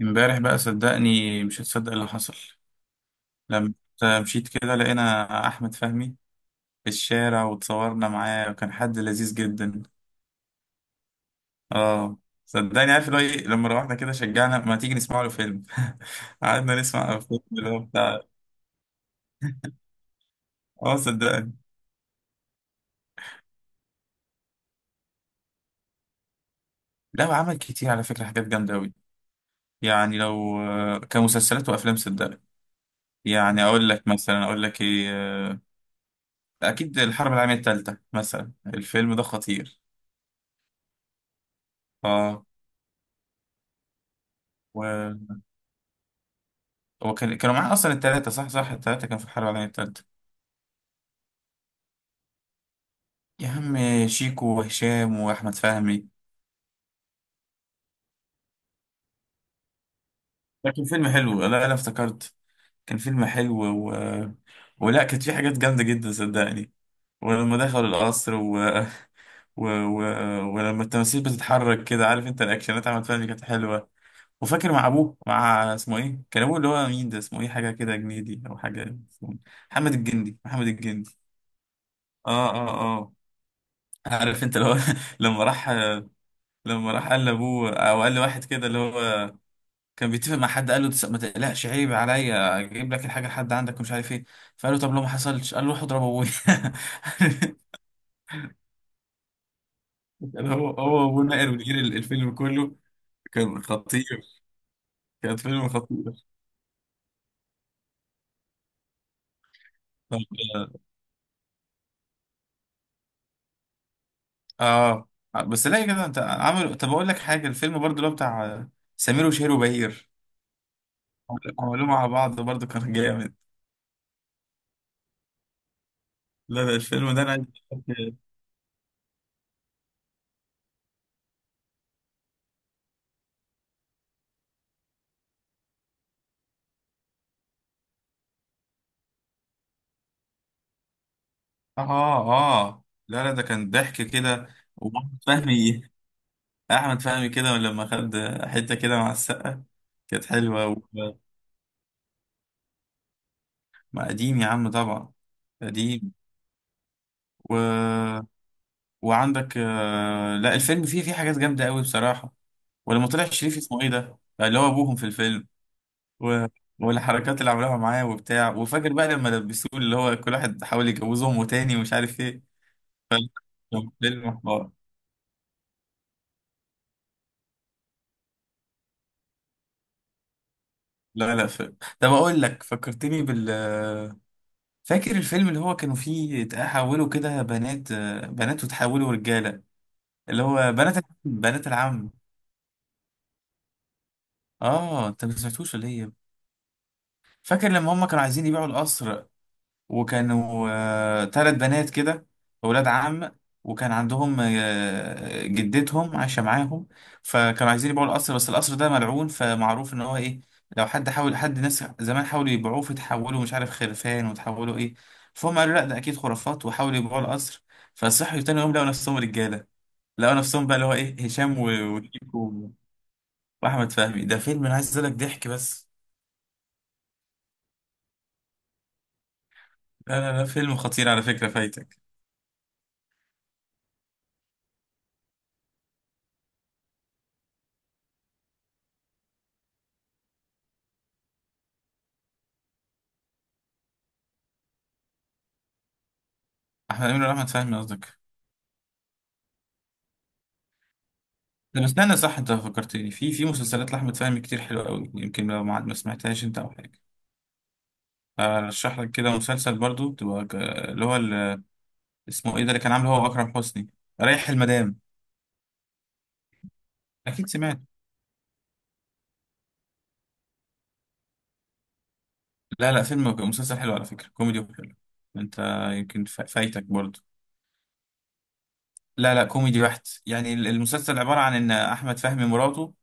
امبارح بقى صدقني مش هتصدق اللي حصل. لما مشيت كده لقينا احمد فهمي في الشارع وتصورنا معاه، وكان حد لذيذ جدا. اه صدقني، عارف اللي هو ايه، لما روحنا كده شجعنا ما تيجي نسمع له فيلم. قعدنا نسمع فيلم اللي هو بتاع. اه صدقني. لا وعمل كتير على فكرة حاجات جامدة أوي. يعني لو كمسلسلات وأفلام صدقني. يعني أقول لك مثلا، أقول لك إيه، أكيد الحرب العالمية التالتة مثلا الفيلم ده خطير. اه، هو كانوا معاه اصلا التلاتة، صح صح، التلاتة كانوا في الحرب العالمية التالتة. يا عم، شيكو وهشام واحمد فهمي. ده كان فيلم حلو، لا لا افتكرت، كان فيلم حلو و... ولا كانت في حاجات جامدة جدا صدقني. ولما دخلوا القصر و... و... ولما التماثيل بتتحرك كده، عارف انت، الاكشنات احمد فهمي كانت حلوة. وفاكر مع ابوه، مع اسمه ايه، كان ابوه اللي هو مين ده، اسمه ايه، حاجة كده جنيدي او حاجة، اسمه محمد الجندي، محمد الجندي. اه اه اه، عارف انت لو، لما راح لما راح قال لابوه او قال لواحد كده اللي هو كان بيتفق مع حد، قال له ما تقلقش، عيب عليا، اجيب لك الحاجه لحد عندك ومش عارف ايه". فقال له طب لو ما حصلش، قال له روح اضرب ابويا. كان هو، هو وابوه ناقر ونقر الفيلم كله. كان خطير، كان فيلم خطير. طب اه، بس لا كده انت عملوا، طب اقول لك حاجه، الفيلم برضو اللي هو بتاع سمير وشهير وبهير، عملوه مع بعض برضو كان جامد. لا لا الفيلم ده انا عايز. اه اه، لا لا ده كان ضحك كده. واحمد فهمي، احمد فهمي كده لما خد حته كده مع السقه كانت حلوه ما قديم يا عم طبعا، قديم و... وعندك لا الفيلم فيه حاجات جامده قوي بصراحه. ولما طلع شريف اسمه ايه ده، اللي هو ابوهم في الفيلم و... والحركات اللي عملوها معاه وبتاع، وفاكر بقى لما لبسوه اللي هو كل واحد حاول يجوزه امه تاني ومش عارف ايه. كان فيلم حوار. لا لا فيلم، طب اقول لك، فكرتني بال، فاكر الفيلم اللي هو كانوا فيه تحولوا كده بنات، بنات وتحولوا رجالة، اللي هو بنات العم. اه انت ما سمعتوش ولا ايه؟ فاكر لما هم كانوا عايزين يبيعوا القصر، وكانوا تلات بنات كده، أولاد عم، وكان عندهم جدتهم عايشة معاهم. فكانوا عايزين يبيعوا القصر، بس القصر ده ملعون، فمعروف إن هو إيه، لو حد حاول، حد ناس زمان حاولوا يبيعوه فتحولوا مش عارف خرفان وتحولوا إيه. فهم قالوا لأ ده أكيد خرافات، وحاولوا يبيعوا القصر. فصحوا تاني يوم لقوا نفسهم رجالة. لقوا نفسهم بقى اللي هو إيه، هشام وشيكو وأحمد فهمي. ده فيلم أنا عايز أقول لك ضحك بس. لا لا لا فيلم خطير على فكرة، فايتك. أحمد أمين ولا أحمد فهمي قصدك؟ طب استنى، صح انت فكرتني في مسلسلات لاحمد فهمي كتير حلوه قوي، يمكن لو ما سمعتهاش انت او حاجه، ارشح لك كده مسلسل برضو تبقى اللي هو اسمه ايه ده اللي كان عامله هو واكرم حسني، رايح المدام. اكيد سمعت. لا لا فيلم، مسلسل حلو على فكره، كوميدي وحلو. انت يمكن فايتك برضو. لا لا كوميدي بحت، يعني المسلسل عباره عن ان احمد فهمي مراته،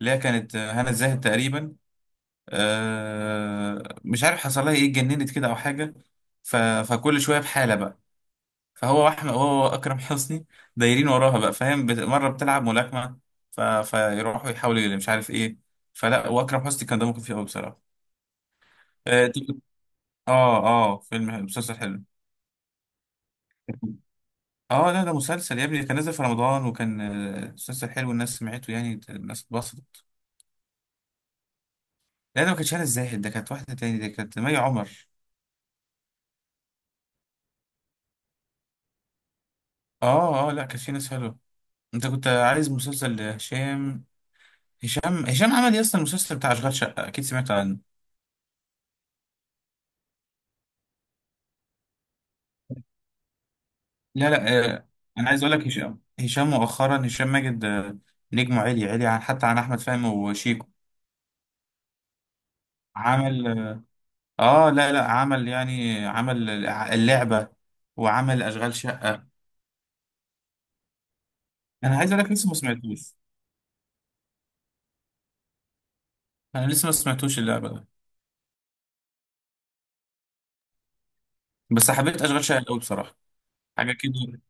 اللي هي كانت هنا الزاهد تقريبا، مش عارف حصل لها ايه، اتجننت كده او حاجه. ف... فكل شويه بحاله بقى. فهو واحمد، هو اكرم حسني دايرين وراها بقى، فاهم، مره بتلعب ملاكمه. فيروحوا يحاولوا اللي مش عارف ايه. فلا، واكرم حسني كان دمه خفيف قوي بصراحه. اه اه فيلم حلو، مسلسل حلو. اه لا ده مسلسل يا ابني، كان نازل في رمضان، وكان مسلسل حلو، الناس سمعته يعني، الناس اتبسطت. لا ده ما كانتش هنا الزاهد، ده كانت واحده تاني، ده كانت مي عمر. اه اه، لا كانت في ناس حلوه. انت كنت عايز مسلسل هشام. هشام عمل يا اسطى المسلسل بتاع اشغال شقه، اكيد سمعت عنه. لا لا انا عايز اقول لك، هشام مؤخرا هشام ماجد، نجمه عالي عالي عن حتى عن احمد فهمي وشيكو. عمل، اه لا لا عمل يعني، عمل اللعبه وعمل اشغال شقه. انا عايز اقول لك لسه ما سمعتوش. انا لسه ما سمعتوش اللعبه ده، بس حبيت اشغال شقه قوي بصراحه. حاجه كده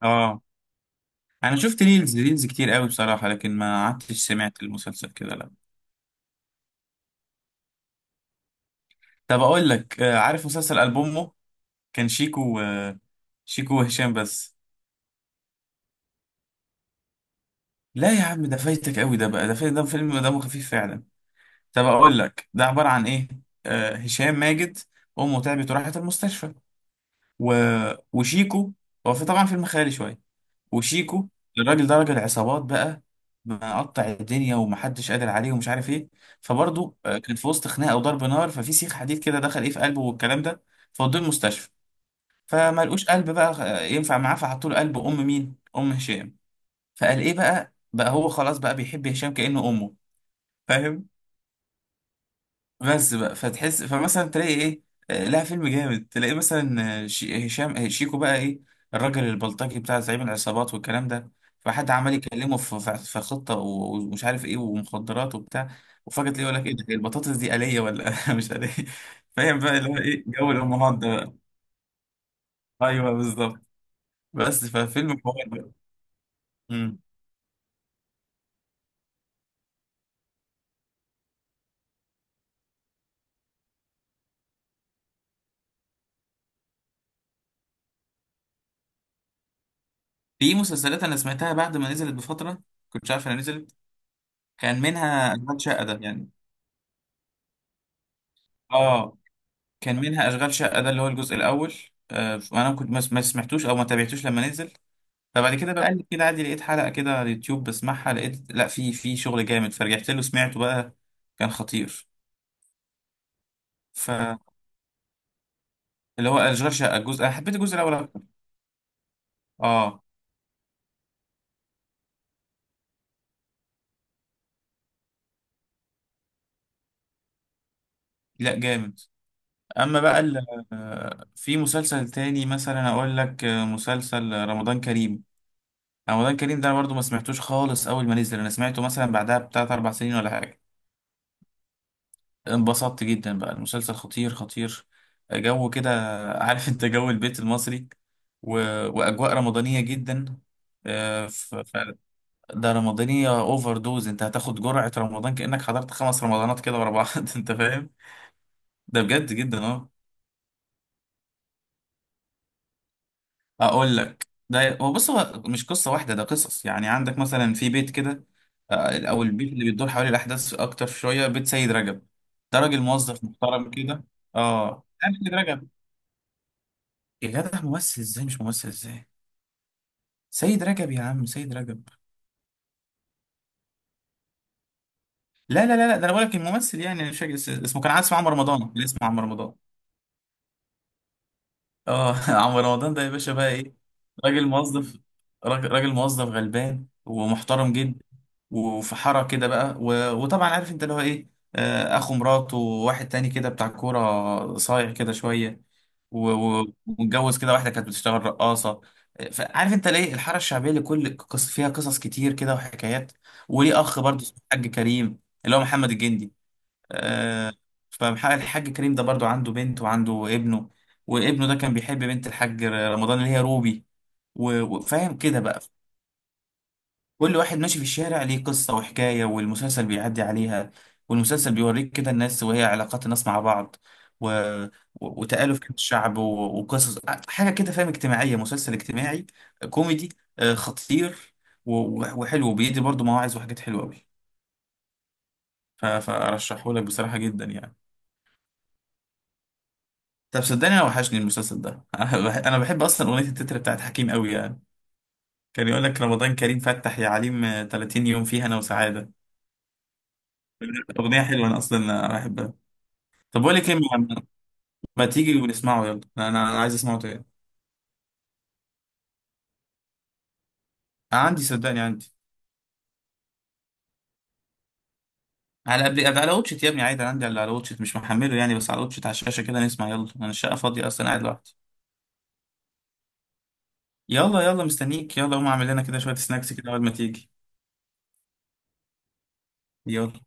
اه. انا شفت ريلز ريلز كتير قوي بصراحه، لكن ما قعدتش سمعت المسلسل كده لا. طب اقول لك عارف مسلسل البومه، كان شيكو شيكو وهشام بس. لا يا عم ده فايتك قوي، ده بقى ده فايت، ده فيلم دمه خفيف فعلا. طب اقول لك ده عباره عن ايه. آه هشام ماجد، امه تعبت وراحت المستشفى و... وشيكو، هو في طبعا فيلم خيالي شويه، وشيكو الراجل ده راجل عصابات بقى، مقطع الدنيا ومحدش قادر عليه ومش عارف ايه. فبرضه كان في وسط خناقه وضرب نار، ففي سيخ حديد كده دخل ايه في قلبه والكلام ده. فودوه المستشفى، فما لقوش قلب بقى ينفع معاه، فحطوا له قلب ام مين، ام هشام. فقال ايه بقى، بقى هو خلاص بقى بيحب هشام كأنه امه، فاهم. بس بقى فتحس، فمثلا تلاقي ايه لها فيلم جامد، تلاقي مثلا هشام شيكو بقى ايه، الراجل البلطجي بتاع زعيم العصابات والكلام ده. فحد عمال يكلمه في في خطه ومش عارف ايه ومخدرات وبتاع. وفجاه تلاقيه يقول لك ايه ده، هي البطاطس دي آلية ولا مش آلية. فاهم بقى اللي هو ايه، جو الامهات ده. بقى ايوه بالظبط. بس ففيلم حوار بقى. مم. في مسلسلات انا سمعتها بعد ما نزلت بفتره، كنت عارف انا نزلت، كان منها اشغال شقه ده يعني. اه كان منها اشغال شقه ده اللي هو الجزء الاول، انا كنت ما سمعتوش او ما تابعتوش لما نزل. فبعد كده بقلب كده عادي لقيت حلقه كده على اليوتيوب بسمعها، لقيت لا في شغل جامد، فرجعت له سمعته بقى كان خطير. فاللي هو اشغال شقه الجزء، انا حبيت الجزء الاول اكتر. اه لا جامد. اما بقى في مسلسل تاني مثلا اقول لك، مسلسل رمضان كريم. رمضان كريم ده انا برضه ما سمعتوش خالص اول ما نزل، انا سمعته مثلا بعدها بتلات اربع سنين ولا حاجه، انبسطت جدا بقى المسلسل خطير خطير. جو كده، عارف انت، جو البيت المصري و... واجواء رمضانيه جدا، آه، ف... ف... ده رمضانيه اوفر دوز، انت هتاخد جرعه رمضان كانك حضرت 5 رمضانات كده ورا بعض انت فاهم، ده بجد جدا اه. اقول لك، ده هو بص، هو مش قصه واحده، ده قصص يعني. عندك مثلا في بيت كده، او البيت اللي بيدور حوالي الاحداث اكتر شويه، بيت سيد رجب، ده راجل موظف محترم كده. اه عارف سيد رجب؟ يا جدع ممثل ازاي، مش ممثل ازاي، سيد رجب يا عم، سيد رجب. لا لا لا لا ده انا بقول لك الممثل يعني، انا مش فاكر اسمه، كان عايز اسمه عمرو رمضان، كان اسمه عمرو رمضان. اه عمرو رمضان ده يا باشا بقى ايه، راجل موظف، راجل موظف غلبان ومحترم جدا. وفي حارة كده بقى وطبعا عارف انت اللي هو ايه، اخو مراته، وواحد تاني كده بتاع كورة صايع كده شوية ومتجوز كده واحدة كانت بتشتغل رقاصة، فعارف انت ليه الحارة الشعبية اللي كل فيها قصص كتير كده وحكايات. وليه اخ برضه اسمه الحاج كريم، اللي هو محمد الجندي، آه، فالحاج كريم ده برضه عنده بنت وعنده ابنه، وابنه ده كان بيحب بنت الحاج رمضان اللي هي روبي وفاهم كده بقى. كل واحد ماشي في الشارع ليه قصة وحكاية، والمسلسل بيعدي عليها، والمسلسل بيوريك كده الناس وهي علاقات الناس مع بعض و... وتآلف كده الشعب وقصص، حاجة كده فاهم، اجتماعية، مسلسل اجتماعي كوميدي، خطير وحلو بيدي برضو مواعظ وحاجات حلوة أوي. فأرشحه لك بصراحة جدا يعني. طب صدقني، أنا وحشني المسلسل ده. أنا أنا بحب أصلا أغنية التتر بتاعت حكيم أوي يعني، كان يقول لك رمضان كريم فتح يا عليم، 30 يوم فيها أنا وسعادة. أغنية حلوة أنا أصلا بحبها. طب بقول لك ايه، ما ما تيجي ونسمعه، يلا انا عايز اسمعه تاني. عندي صدقني عندي، على قبل على واتشت يا ابني عادي، أنا عندي على واتشت مش محمله يعني، بس على واتشت على الشاشه كده نسمع. يلا انا الشقه فاضيه اصلا قاعد لوحدي. يلا يلا مستنيك، يلا قوم اعمل لنا كده شويه سناكس كده اول ما تيجي. يلا.